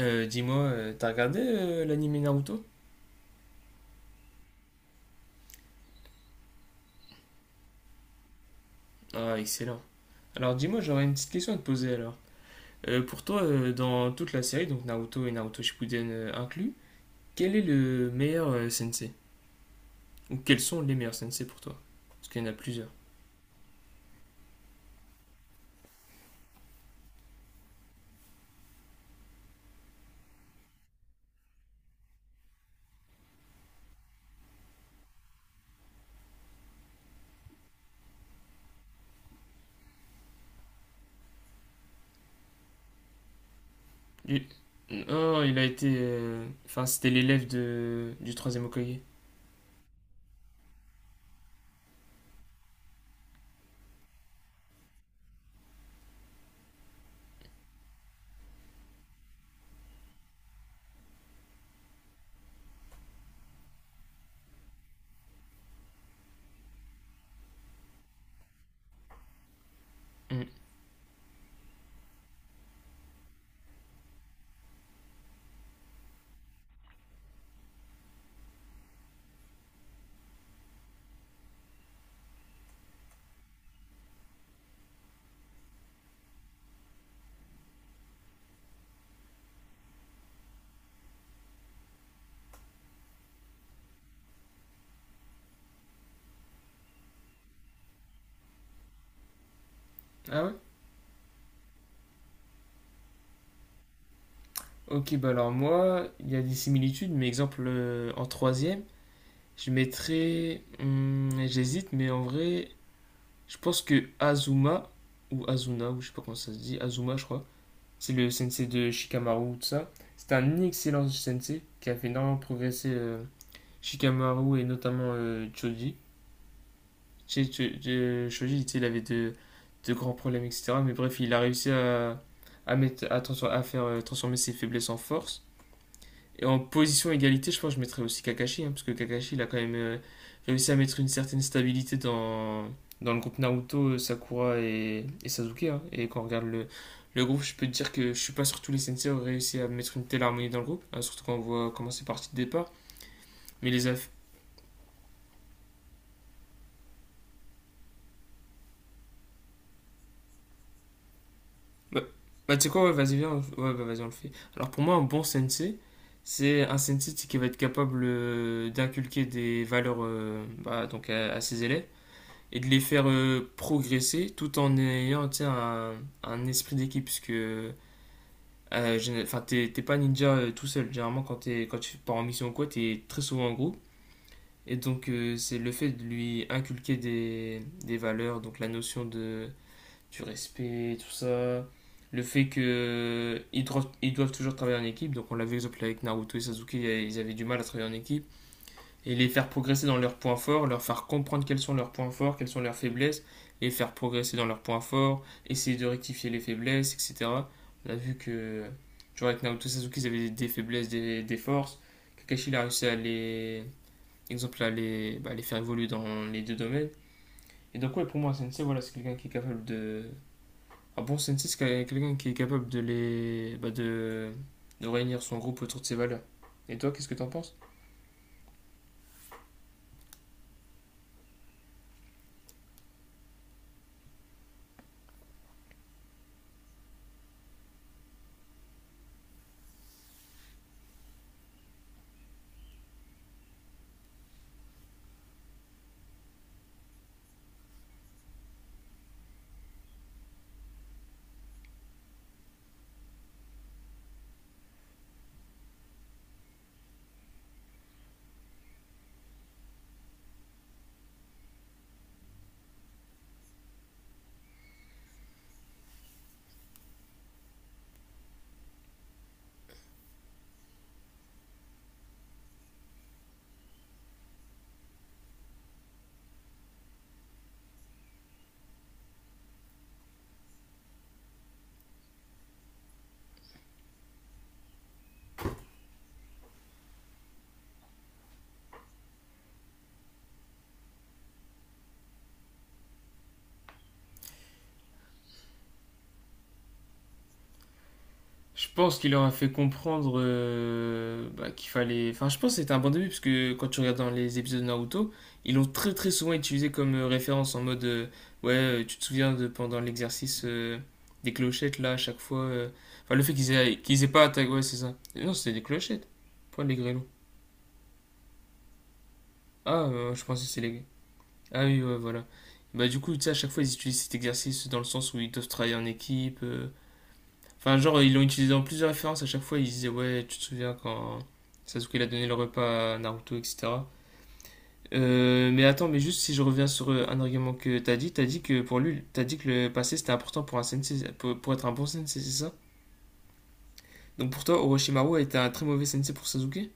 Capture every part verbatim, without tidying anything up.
Euh, dis-moi, euh, t'as regardé euh, l'anime Naruto? Ah, excellent. Alors dis-moi, j'aurais une petite question à te poser alors. Euh, pour toi, euh, dans toute la série, donc Naruto et Naruto Shippuden euh, inclus, quel est le meilleur euh, sensei? Ou quels sont les meilleurs sensei pour toi? Parce qu'il y en a plusieurs. Lui- Oh, il a été... euh, Enfin, c'était l'élève de... du troisième Hokage. Hmm. Ah ouais? Ok, bah alors moi, il y a des similitudes, mais exemple, euh, en troisième, je mettrais... hmm, j'hésite, mais en vrai, je pense que Azuma, ou Azuna, ou je sais pas comment ça se dit, Azuma, je crois, c'est le sensei de Shikamaru, tout ça. C'est un excellent sensei qui a fait énormément progresser euh, Shikamaru et notamment euh, Choji. Choji, il avait de, de grands problèmes, et cætera. Mais bref, il a réussi à, à, mettre, à, transfor- à faire euh, transformer ses faiblesses en force. Et en position égalité, je pense que je mettrais aussi Kakashi, hein, parce que Kakashi, il a quand même euh, réussi à mettre une certaine stabilité dans, dans le groupe Naruto, euh, Sakura et, et Sasuke, hein. Et quand on regarde le, le groupe, je peux te dire que je suis pas sûr que tous les sensei auraient réussi à mettre une telle harmonie dans le groupe, hein, surtout quand on voit comment c'est parti de départ. Mais les aff... Bah, bah, tu sais quoi, ouais, vas-y, viens, on- ouais, bah, vas-y, on le fait. Alors pour moi, un bon sensei, c'est un sensei qui va être capable euh, d'inculquer des valeurs euh, bah, donc à, à ses élèves et de les faire euh, progresser tout en ayant un, un esprit d'équipe. Parce que euh, enfin, t'es t'es pas ninja euh, tout seul. Généralement, quand, t'es- quand tu pars en mission ou quoi, t'es très souvent en groupe. Et donc, euh, c'est le fait de lui inculquer des, des valeurs, donc la notion de, du respect, tout ça. Le fait que ils doivent, ils doivent toujours travailler en équipe. Donc, on l'a vu, par exemple, avec Naruto et Sasuke, ils avaient du mal à travailler en équipe et les faire progresser dans leurs points forts, leur faire comprendre quels sont leurs points forts, quelles sont leurs faiblesses, les faire progresser dans leurs points forts, essayer de rectifier les faiblesses, et cætera. On a vu que, tu vois, avec Naoto Sasuke, ils avaient des faiblesses, des, des forces. Kakashi, il a réussi à les, exemple, à les, bah, les faire évoluer dans les deux domaines. Et donc, ouais, pour moi, un sensei, voilà, c'est quelqu'un qui est capable de. Un bon sensei, c'est quelqu'un qui est capable de les. Bah, de... de réunir son groupe autour de ses valeurs. Et toi, qu'est-ce que t'en penses? Je pense qu'il leur a fait comprendre euh, bah, qu'il fallait. Enfin, je pense que c'était un bon début, parce que quand tu regardes dans les épisodes de Naruto, ils l'ont très très souvent utilisé comme euh, référence en mode euh, ouais, euh, tu te souviens de pendant l'exercice euh, des clochettes là, à chaque fois. euh, Enfin, le fait qu'ils aient, qu'ils aient pas attaqué. Ouais, c'est ça. Et non, c'était des clochettes. Pas les grêlons. Ah, euh, je pensais que c'est les. Ah oui, ouais, voilà. Bah, du coup, tu sais, à chaque fois, ils utilisent cet exercice dans le sens où ils doivent travailler en équipe. euh, Enfin, genre, ils l'ont utilisé dans plusieurs références. À chaque fois, ils disaient, ouais, tu te souviens quand Sasuke il a donné le repas à Naruto, et cætera. Euh, mais attends, mais juste si je reviens sur euh, un argument que t'as dit, t'as dit que pour lui, t'as dit que le passé c'était important pour un sensei, pour, pour être un bon sensei, c'est ça? Donc pour toi, Orochimaru a été un très mauvais sensei pour Sasuke?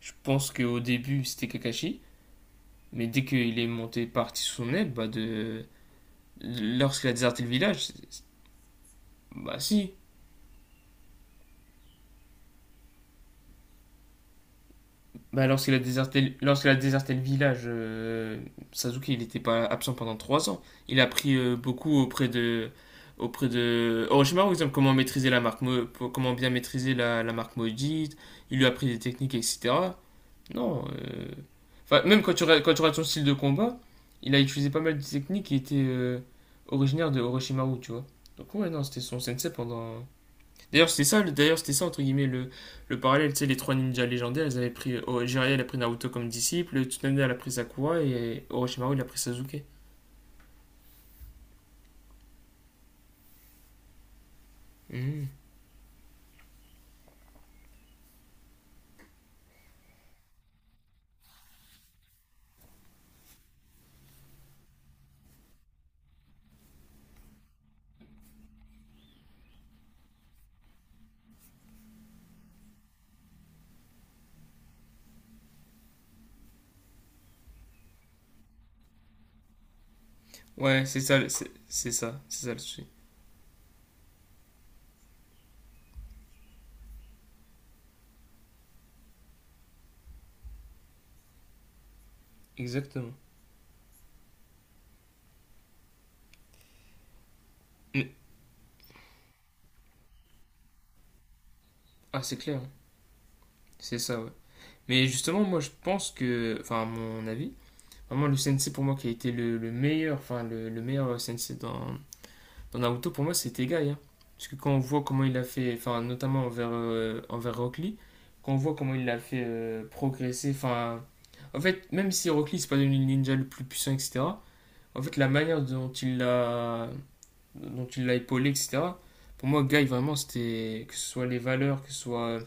Je pense qu'au début c'était Kakashi, mais dès qu'il est monté parti sous son aile, bah de. Lorsqu'il a déserté le village, c'est- bah si, bah, lorsqu'il a déserté, lorsqu'il a déserté le village, euh, Sasuke, il n'était pas absent pendant trois ans. Il a appris euh, beaucoup auprès de, auprès de Orochimaru, par exemple, comment maîtriser la marque, Mo- comment bien maîtriser la, la marque maudite. Il lui a appris des techniques, et cætera. Non. euh, Enfin, même quand tu, regardes- quand tu regardes son style de combat, il a utilisé pas mal de techniques qui étaient euh, originaires de Orochimaru, tu vois. Donc ouais, non, c'était son sensei pendant, d'ailleurs, c'était ça, d'ailleurs, c'était ça, entre guillemets, le, le parallèle, tu sais, les trois ninjas légendaires, elles avaient pris, oh, Jiraiya, elle a pris Naruto comme disciple, Tsunade, elle a pris Sakura, et Orochimaru, il a pris Sasuke. Mhm. Ouais, c'est ça, c'est c'est ça, c'est ça le souci. Exactement. Mais- ah, c'est clair, hein. C'est ça, ouais. Mais justement, moi, je pense que, enfin, à mon avis, vraiment, le sensei, pour moi, qui a été le, le meilleur, enfin, le, le meilleur sensei dans, dans Naruto, pour moi, c'était Tegai, hein. Parce que quand on voit comment il a fait, enfin, notamment envers, euh, envers Rock Lee, quand on voit comment il l'a fait euh, progresser, enfin. En fait, même si Rock Lee, c'est pas devenu le ninja le plus puissant, et cætera, en fait, la manière dont il l'a dont il l'a épaulé, et cætera, pour moi, Guy, vraiment, c'était. Que ce soit les valeurs, que ce soit euh,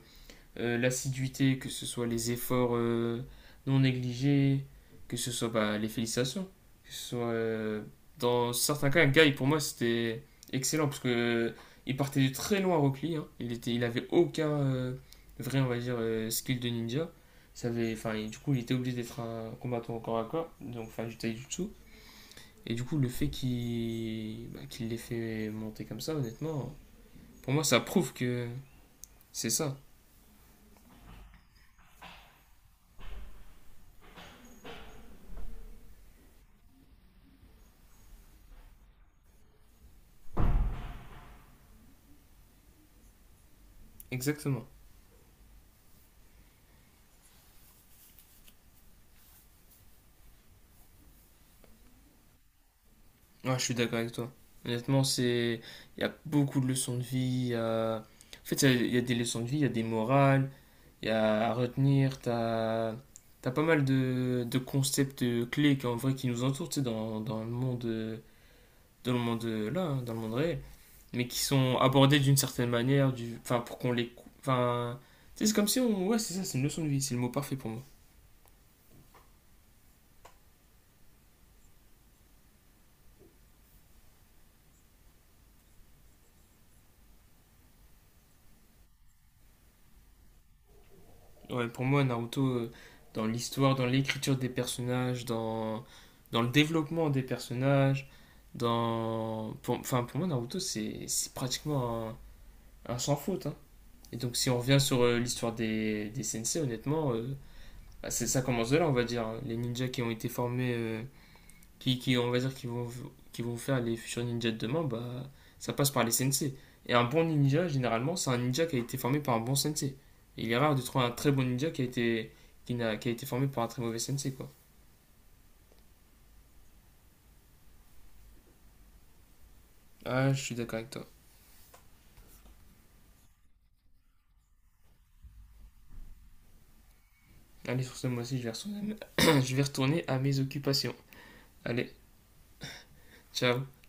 euh, l'assiduité, que ce soit les efforts euh, non négligés, que ce soit bah, les félicitations, que ce soit euh, dans certains cas, Guy pour moi c'était excellent parce que euh, il partait de très loin à Rockly, hein. Il était, il avait aucun euh, vrai on va dire euh, skill de ninja, ça avait, enfin et du coup il était obligé d'être un combattant au corps à corps, donc enfin du taijutsu et du coup le fait qu'il bah, qu'il l'ait fait monter comme ça honnêtement, pour moi ça prouve que c'est ça, exactement. Ouais, je suis d'accord avec toi. Honnêtement, c'est... Il y a beaucoup de leçons de vie. il y a- En fait, il y a il y a des leçons de vie, il y a des morales, il y a à retenir. T'as... T'as pas mal de, de concepts clés qui, en vrai, qui nous entourent, tu sais, dans, dans le monde, euh, dans le monde euh, là, hein, dans le monde réel, mais qui sont abordés d'une certaine manière, du, enfin, pour qu'on les, cou- enfin, tu sais, c'est comme si on, ouais, c'est ça, c'est une leçon de vie, c'est le mot parfait pour moi. Ouais, pour moi, Naruto, euh, dans l'histoire, dans l'écriture des personnages, dans, dans le développement des personnages, dans... Pour, enfin, pour moi, Naruto, c'est c'est pratiquement un, un sans faute, hein. Et donc, si on revient sur euh, l'histoire des, des sensei, honnêtement, euh, bah, c'est ça commence de là, on va dire, hein. Les ninjas qui ont été formés euh, qui, qui, on va dire, qui vont, qui vont faire les futurs ninjas de demain, bah, ça passe par les sensei. Et un bon ninja, généralement, c'est un ninja qui a été formé par un bon sensei. Il est rare de trouver un très bon ninja qui a été, qui n'a, qui a été formé par un très mauvais sensei, quoi. Ah, je suis d'accord avec toi. Allez, sur ce, moi aussi, je vais retourner à mes, je vais retourner à mes occupations. Allez, ciao.